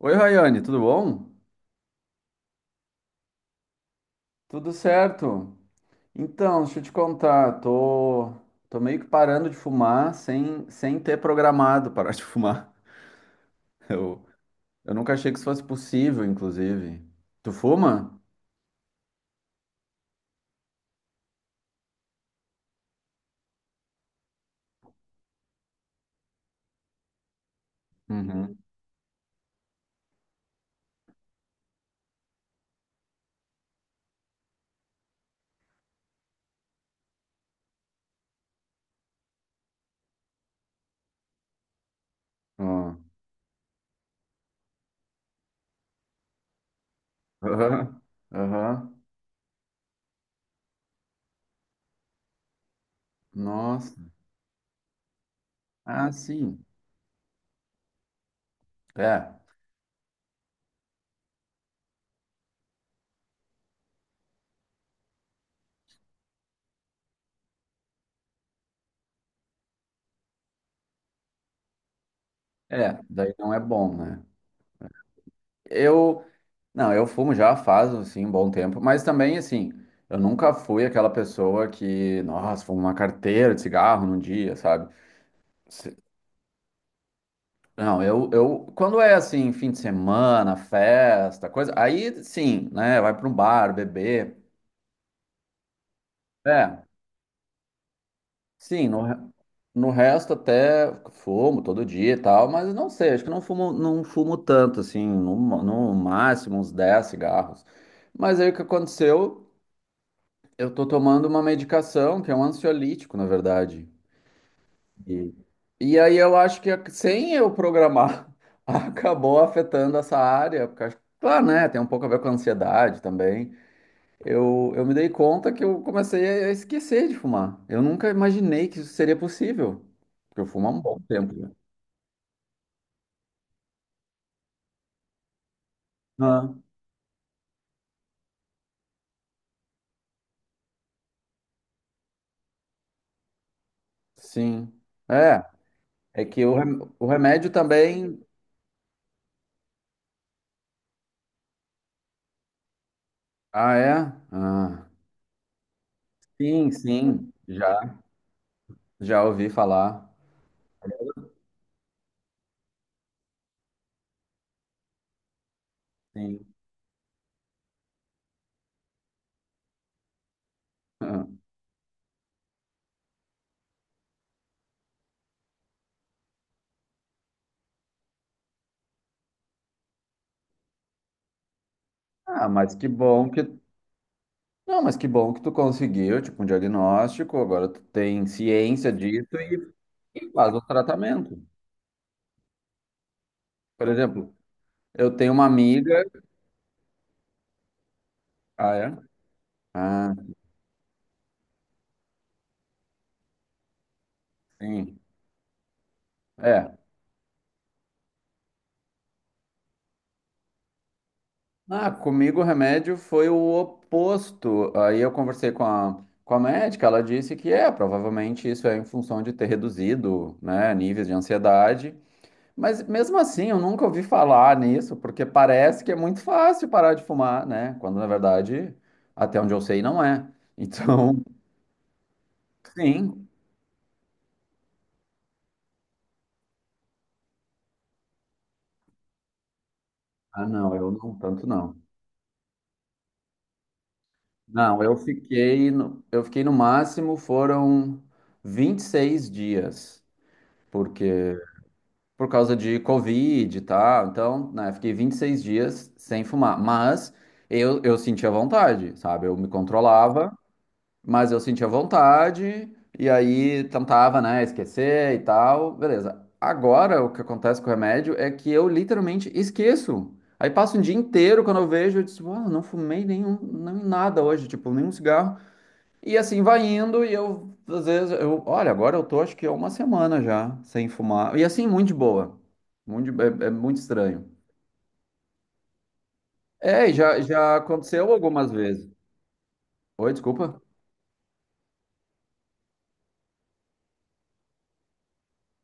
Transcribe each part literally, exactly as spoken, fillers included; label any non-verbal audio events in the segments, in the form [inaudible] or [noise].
Oi, Rayane, tudo bom? Tudo certo? Então, deixa eu te contar, tô, tô meio que parando de fumar sem, sem ter programado parar de [laughs] fumar. Eu, eu nunca achei que isso fosse possível, inclusive. Tu fuma? Uhum. Ó. Aham. Aham. Nossa. Ah, sim. É. É, daí não é bom, né? Eu, não, eu fumo já faz, assim, um bom tempo, mas também, assim, eu nunca fui aquela pessoa que, nossa, fumo uma carteira de cigarro num dia, sabe? Se- Não, eu, eu, quando é, assim, fim de semana, festa, coisa, aí, sim, né, vai para um bar, beber, é, sim, no, re- no resto até fumo todo dia e tal, mas não sei, acho que não fumo, não fumo tanto, assim, no, ma- no máximo uns dez cigarros. Mas aí o que aconteceu... Eu tô tomando uma medicação que é um ansiolítico, na verdade. E, e aí eu acho que a- sem eu programar, [laughs] acabou afetando essa área, porque acho, claro, né, tem um pouco a ver com a ansiedade também. Eu, eu me dei conta que eu comecei a esquecer de fumar. Eu nunca imaginei que isso seria possível, porque eu fumo há um bom tempo, né? Ah, sim. É, é que o, rem- o remédio também. Ah, é? Ah, sim, sim. Já, já ouvi falar. Sim. [laughs] Ah, mas que bom que. Não, mas que bom que tu conseguiu, tipo, um diagnóstico, agora tu tem ciência disso e faz o tratamento. Por exemplo, eu tenho uma amiga. Ah, é? Ah, sim. É. Ah, comigo o remédio foi o oposto. Aí eu conversei com a, com a médica, ela disse que é, provavelmente isso é em função de ter reduzido, né, níveis de ansiedade. Mas mesmo assim, eu nunca ouvi falar nisso, porque parece que é muito fácil parar de fumar, né? Quando na verdade, até onde eu sei, não é. Então, [laughs] sim. Ah, não, eu não, tanto não. Não, eu fiquei no, eu fiquei no máximo foram vinte e seis dias, porque por causa de Covid e tal. Então, né, fiquei vinte e seis dias sem fumar, mas eu, eu sentia vontade, sabe? Eu me controlava. Mas eu sentia vontade, e aí tentava, né, esquecer e tal, beleza. Agora, o que acontece com o remédio é que eu literalmente esqueço. Aí passa um dia inteiro, quando eu vejo, eu disse, uau, não fumei nenhum, nem nada hoje, tipo, nenhum cigarro. E assim vai indo, e eu, às vezes, eu, olha, agora eu tô, acho que há uma semana já, sem fumar. E assim, muito de boa. Muito, de- é, é muito estranho. É, e já, já aconteceu algumas vezes. Oi, desculpa?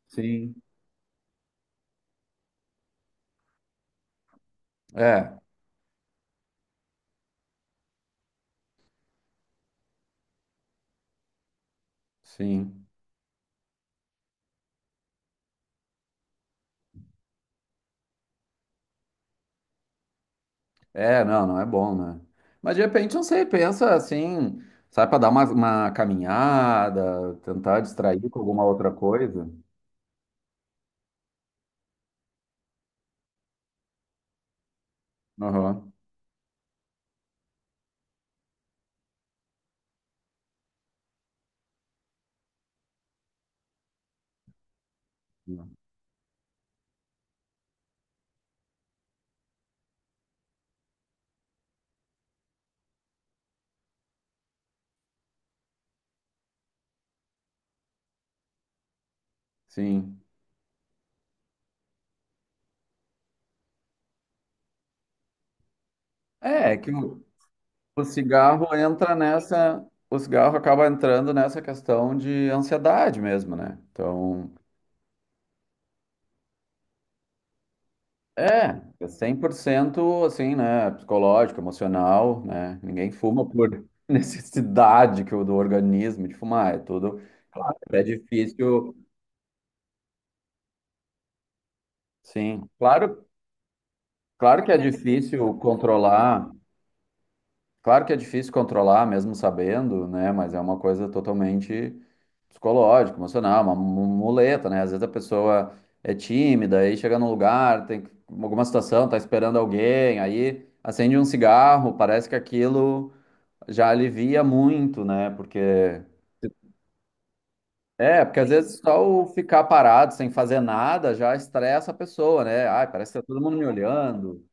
Sim. É, sim. É, não, não é bom, né? Mas de repente, não sei, pensa assim, sai pra dar uma, uma caminhada, tentar distrair com alguma outra coisa. Aham. Sim. É, é que o, o cigarro entra nessa, o cigarro acaba entrando nessa questão de ansiedade mesmo, né? Então, é, é cem por cento assim, né, psicológico, emocional, né? Ninguém fuma por [laughs] necessidade que o do organismo de fumar, é tudo, é difícil. Sim, claro, claro que é difícil controlar, claro que é difícil controlar, mesmo sabendo, né? Mas é uma coisa totalmente psicológica, emocional, uma mu- muleta, né? Às vezes a pessoa é tímida, aí chega num lugar, tem que- alguma situação, tá esperando alguém, aí acende um cigarro, parece que aquilo já alivia muito, né? Porque é, porque às vezes só o ficar parado sem fazer nada já estressa a pessoa, né? Ai, parece que tá todo mundo me olhando,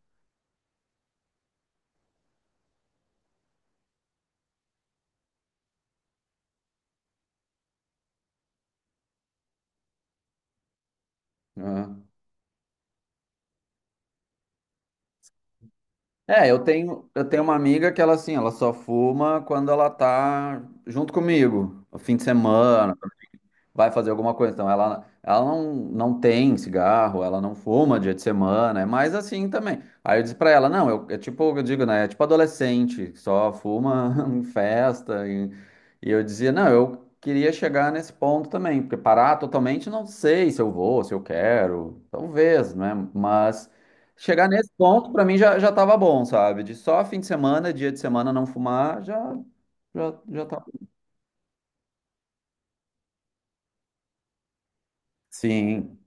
né? É, eu tenho, eu tenho uma amiga que ela assim, ela só fuma quando ela tá junto comigo, no fim de semana, vai fazer alguma coisa. Então, ela, ela não, não tem cigarro, ela não fuma dia de semana, é mais assim também. Aí eu disse pra ela, não, eu, é tipo, eu digo, né, é tipo adolescente, que só fuma [laughs] em festa. E, e eu dizia, não, eu queria chegar nesse ponto também, porque parar totalmente, não sei se eu vou, se eu quero, talvez, né, mas... Chegar nesse ponto, pra mim, já, já tava bom, sabe? De só fim de semana, dia de semana não fumar, já, já, já tá. Sim.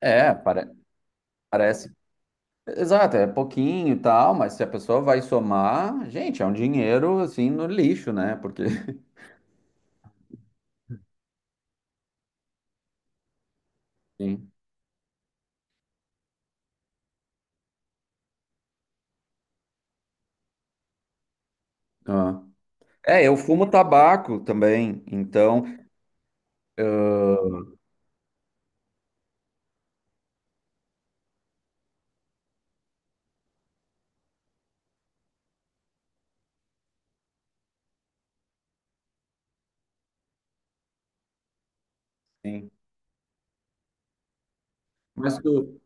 É, pare- parece. Exato, é pouquinho e tal, mas se a pessoa vai somar, gente, é um dinheiro assim no lixo, né? Porque. [laughs] Sim. Ah. É, eu fumo tabaco também, então. Sim. Mas tu,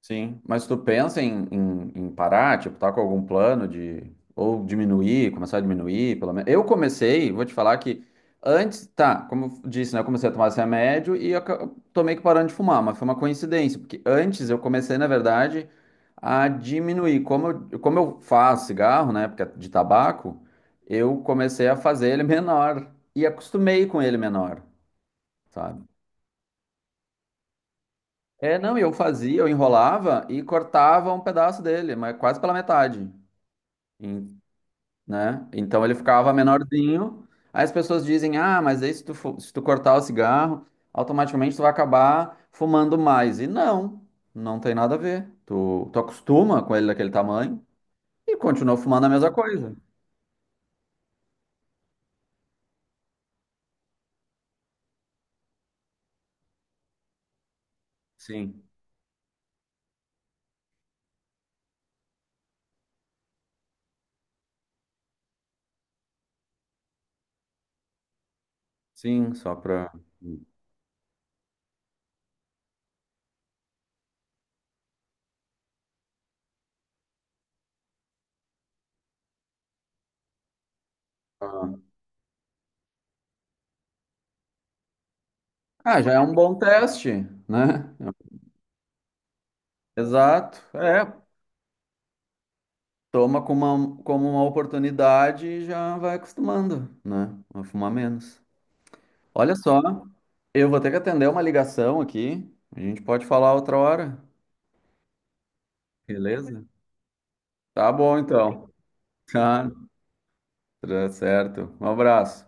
sim, mas tu pensa em, em, em parar, tipo, tá com algum plano de ou diminuir, começar a diminuir, pelo menos. Eu comecei, vou te falar que antes, tá, como eu disse, né, eu comecei a tomar esse remédio e eu ca- tô meio que parando de fumar, mas foi uma coincidência, porque antes eu comecei, na verdade, a diminuir. Como eu, como eu faço cigarro, né, porque é de tabaco, eu comecei a fazer ele menor e acostumei com ele menor, sabe? É, não, e eu fazia, eu enrolava e cortava um pedaço dele, mas quase pela metade, em- né? Então ele ficava menorzinho. Aí as pessoas dizem, ah, mas aí se tu, fu- se tu cortar o cigarro, automaticamente tu vai acabar fumando mais. E não, não tem nada a ver. Tu, tu acostuma com ele daquele tamanho e continua fumando a mesma coisa. Sim, sim, só pra... Ah, já é um bom teste, né? Exato. É, toma como uma, como uma oportunidade e já vai acostumando, né? A fumar menos. Olha só, eu vou ter que atender uma ligação aqui. A gente pode falar outra hora, beleza? Tá bom, então. Tá, tá certo. Um abraço.